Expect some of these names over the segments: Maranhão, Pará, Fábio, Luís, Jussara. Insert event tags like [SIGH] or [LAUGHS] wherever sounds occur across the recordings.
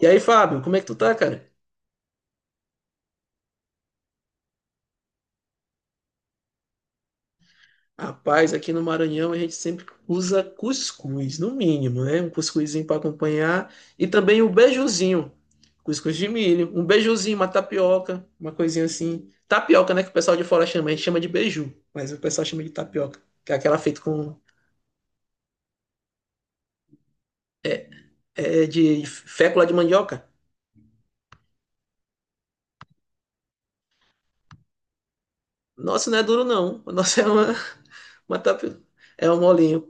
E aí, Fábio, como é que tu tá, cara? Rapaz, aqui no Maranhão a gente sempre usa cuscuz, no mínimo, né? Um cuscuzinho para acompanhar e também um beijuzinho, cuscuz de milho, um beijuzinho, uma tapioca, uma coisinha assim. Tapioca, né? Que o pessoal de fora chama, a gente chama de beiju, mas o pessoal chama de tapioca, que é aquela feita com é, de fécula de mandioca. Nossa, não é duro não, [LAUGHS] o nosso é uma tapioca, é um molinho.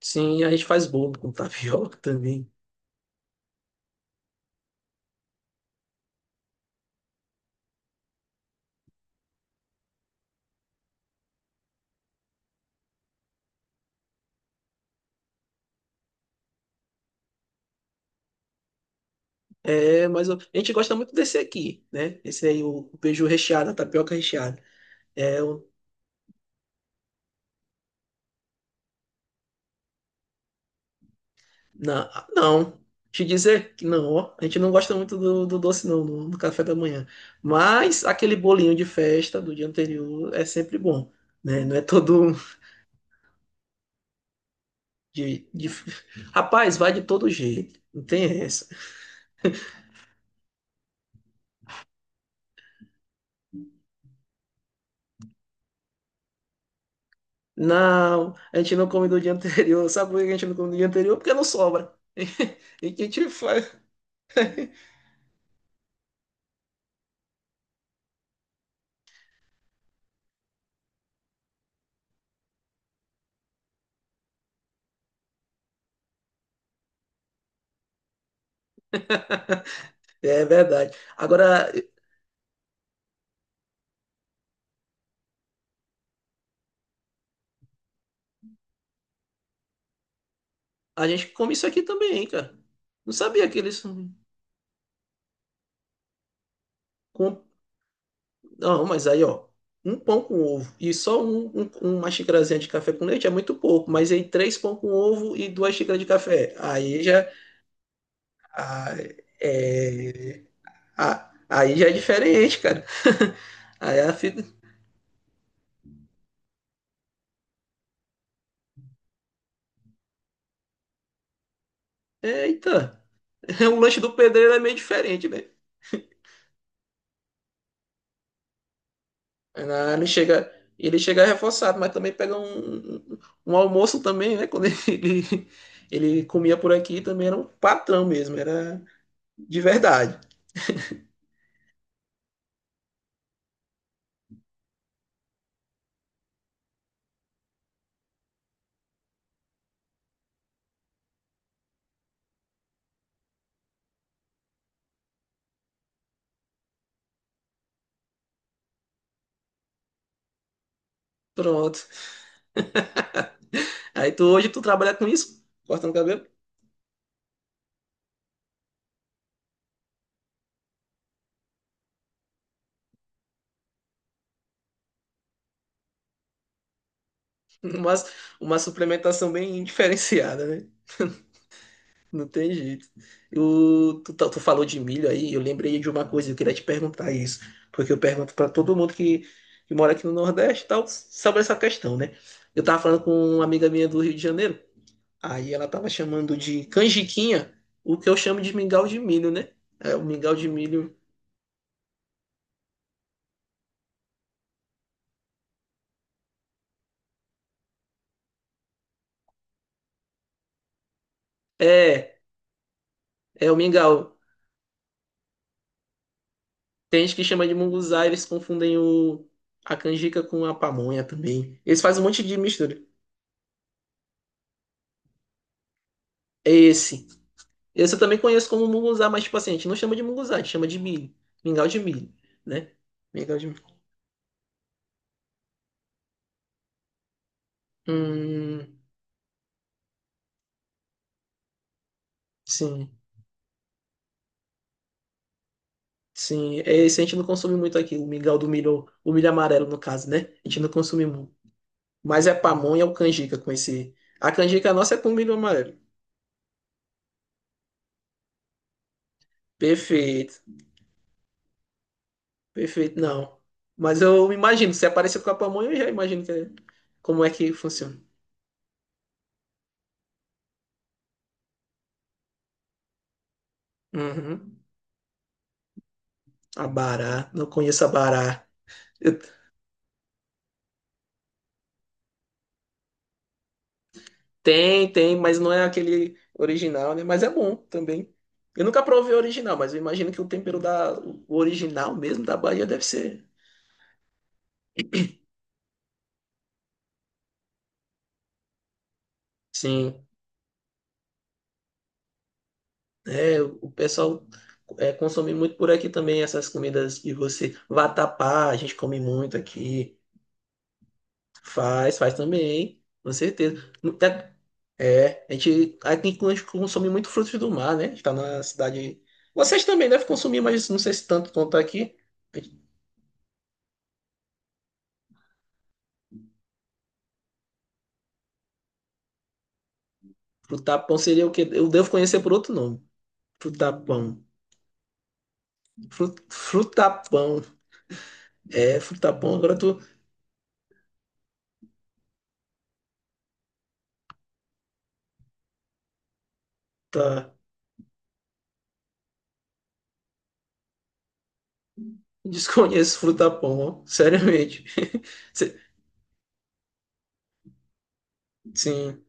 Sim, a gente faz bolo com tapioca também. É, mas eu- a gente gosta muito desse aqui, né? Esse aí, o beiju recheado, a tapioca recheada. É, o, na não, te dizer que não, ó, a gente não gosta muito do doce, não, no do café da manhã. Mas aquele bolinho de festa do dia anterior é sempre bom, né? Não é todo um de... Rapaz, vai de todo jeito, não tem essa. Não, a gente não come do dia anterior. [LAUGHS] Sabe por que a gente não come do dia anterior? Porque não sobra. E que a gente faz. É verdade. Agora, a gente come isso aqui também, hein, cara. Não sabia que eles. Com... Não, mas aí, ó. Um pão com ovo e só uma xicrazinha de café com leite é muito pouco, mas aí três pão com ovo e duas xícaras de café. Aí já. ah, é, ah, aí já é diferente, cara. [LAUGHS] Aí ela fica. Eita, [LAUGHS] o lanche do pedreiro é meio diferente, né? Ah, ele chega, ele chega reforçado, mas também pega um almoço também, né? Quando [LAUGHS] ele comia por aqui, também era um patrão mesmo, era de verdade. Pronto. Aí tu hoje tu trabalha com isso, cortando cabelo, [LAUGHS] mas uma suplementação bem diferenciada, né? Não tem jeito. O, tu, tá- tu falou de milho aí, eu lembrei de uma coisa, eu queria te perguntar isso, porque eu pergunto para todo mundo que mora aqui no Nordeste e tal, sobre essa questão, né? Eu tava falando com uma amiga minha do Rio de Janeiro. Aí ela tava chamando de canjiquinha, o que eu chamo de mingau de milho, né? É, o mingau de milho. É, é o mingau. Tem gente que chama de munguzá, eles confundem o, a canjica com a pamonha também. Eles fazem um monte de mistura. É esse. Esse eu também conheço como munguzá, mas tipo assim, a gente não chama de munguzá, a gente chama de milho. Mingau de milho, né? Mingau de milho. Hum, sim. Sim, é esse a gente não consome muito aqui, o mingau do milho, o milho amarelo no caso, né? A gente não consome muito. Mas é pamonha ou canjica com esse. A canjica nossa é com milho amarelo. Perfeito, perfeito, não. Mas eu imagino, se aparecer com a pamonha, eu já imagino que é- como é que funciona. Uhum. A bará, não conheço a bará. Eu- tem, tem, mas não é aquele original, né? Mas é bom também. Eu nunca provei o original, mas eu imagino que o tempero da o original mesmo da Bahia deve ser. Sim. É, o pessoal é, consome muito por aqui também essas comidas que você vatapá, a gente come muito aqui. Faz, faz também, com certeza. Muita- é, a gente aqui a gente consome muito frutos do mar, né? A gente tá na cidade. Vocês também devem consumir, mas não sei se tanto quanto aqui. Frutapão seria o que eu devo conhecer por outro nome. Frutapão. Fru- frutapão. É, frutapão. Agora tu tá. Desconheço frutapão, ó. Seriamente. [LAUGHS] Se- sim.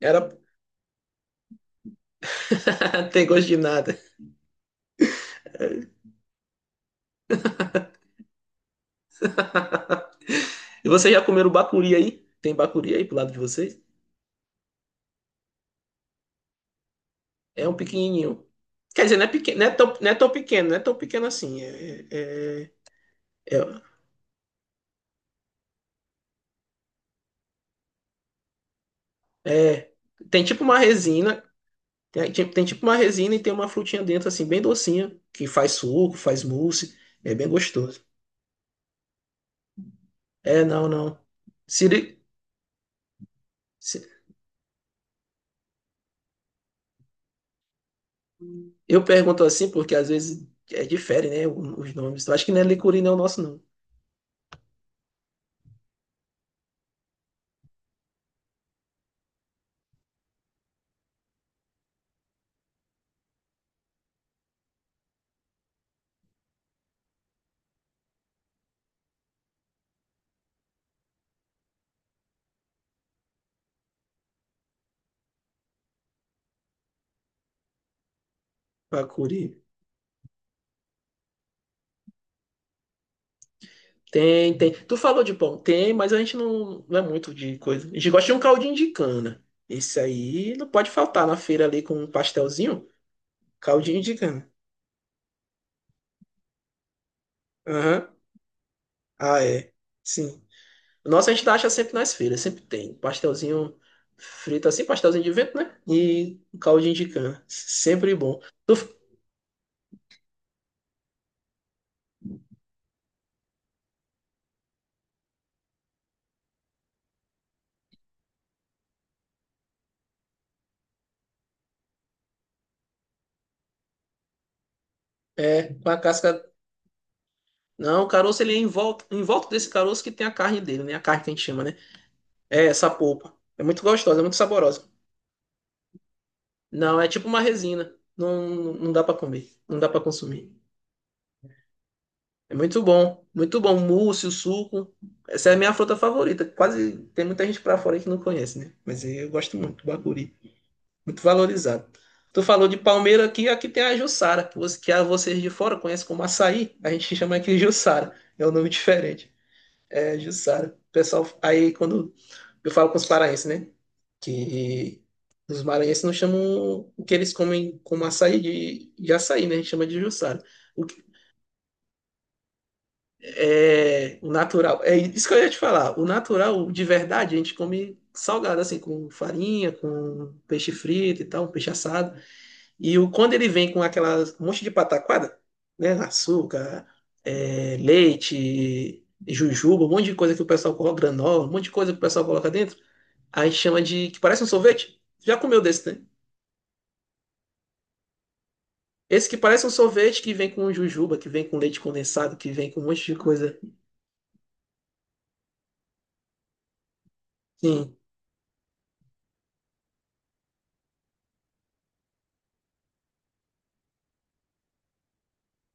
Era. [LAUGHS] Tem gosto de nada. [LAUGHS] E vocês já comeram bacuri aí? Tem bacuri aí pro lado de vocês? É um pequenininho. Quer dizer, não é pequeno, não é tão, não é tão pequeno, não é tão pequeno assim. É, é, é- é- é, tem tipo uma resina, tem tipo uma resina e tem uma frutinha dentro assim, bem docinha, que faz suco, faz mousse, é bem gostoso. É, não, não. Siri, se- eu pergunto assim porque às vezes é difere, né, os nomes. Eu acho que não é licuri não, é o nosso não. Bacuri. Tem, tem. Tu falou de pão? Tem, mas a gente não, não é muito de coisa. A gente gosta de um caldinho de cana. Esse aí não pode faltar na feira ali com um pastelzinho. Caldinho de cana. Aham. Ah, é. Sim. Nossa, a gente acha sempre nas feiras, sempre tem. Pastelzinho frito assim, pastelzinho de vento, né? E um caldinho de cana. Sempre bom. Tu- é, com a casca. Não, o caroço ele é em volta desse caroço que tem a carne dele, né? A carne que a gente chama, né? É essa polpa. É muito gostosa, é muito saborosa. Não, é tipo uma resina. Não, não dá pra comer, não dá pra consumir. É muito bom, muito bom. Mousse, o suco. Essa é a minha fruta favorita. Quase tem muita gente pra fora aí que não conhece, né? Mas eu gosto muito, bacuri. Muito valorizado. Tu falou de palmeira aqui, aqui tem a Jussara, que, você, que a vocês de fora conhecem como açaí. A gente chama aqui de Jussara. É um nome diferente. É Jussara. O pessoal aí quando eu falo com os paraenses, né? Que os maranhenses não chamam o que eles comem como açaí de açaí, né? A gente chama de juçara. O, que- é, o natural. É isso que eu ia te falar. O natural, de verdade, a gente come salgado, assim, com farinha, com peixe frito e tal, um peixe assado. E o, quando ele vem com aquela um monte de pataquada, né? Açúcar, é, leite, jujuba, um monte de coisa que o pessoal coloca, granola, um monte de coisa que o pessoal coloca dentro. Aí chama de. Que parece um sorvete. Já comeu desse, né? Esse que parece um sorvete que vem com jujuba, que vem com leite condensado, que vem com um monte de coisa. Sim,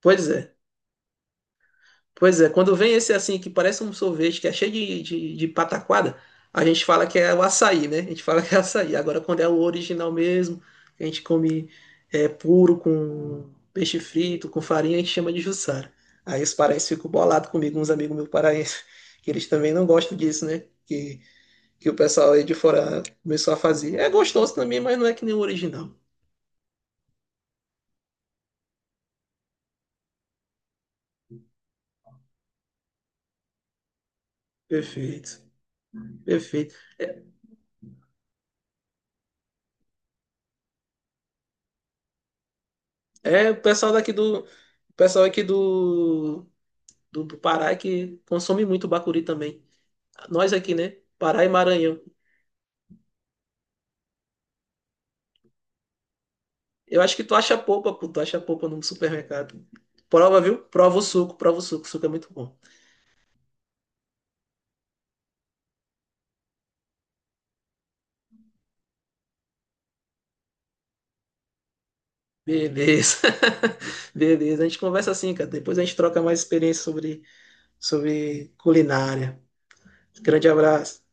pois é. Pois é, quando vem esse assim, que parece um sorvete, que é cheio de pataquada, a gente fala que é o açaí, né? A gente fala que é açaí. Agora, quando é o original mesmo, que a gente come é, puro com peixe frito, com farinha, a gente chama de jussara. Aí os paraenses ficam bolados comigo, uns amigos meus paraenses, que eles também não gostam disso, né? Que o pessoal aí de fora começou a fazer. É gostoso também, mas não é que nem o original. Perfeito, perfeito. É o pessoal daqui do, o pessoal aqui do Pará é que consome muito bacuri também. Nós aqui, né? Pará e Maranhão. Eu acho que tu acha polpa, pô, tu acha polpa no supermercado. Prova, viu? Prova o suco é muito bom. Beleza. [LAUGHS] Beleza, a gente conversa assim, cara. Depois a gente troca mais experiência sobre, sobre culinária. Grande abraço.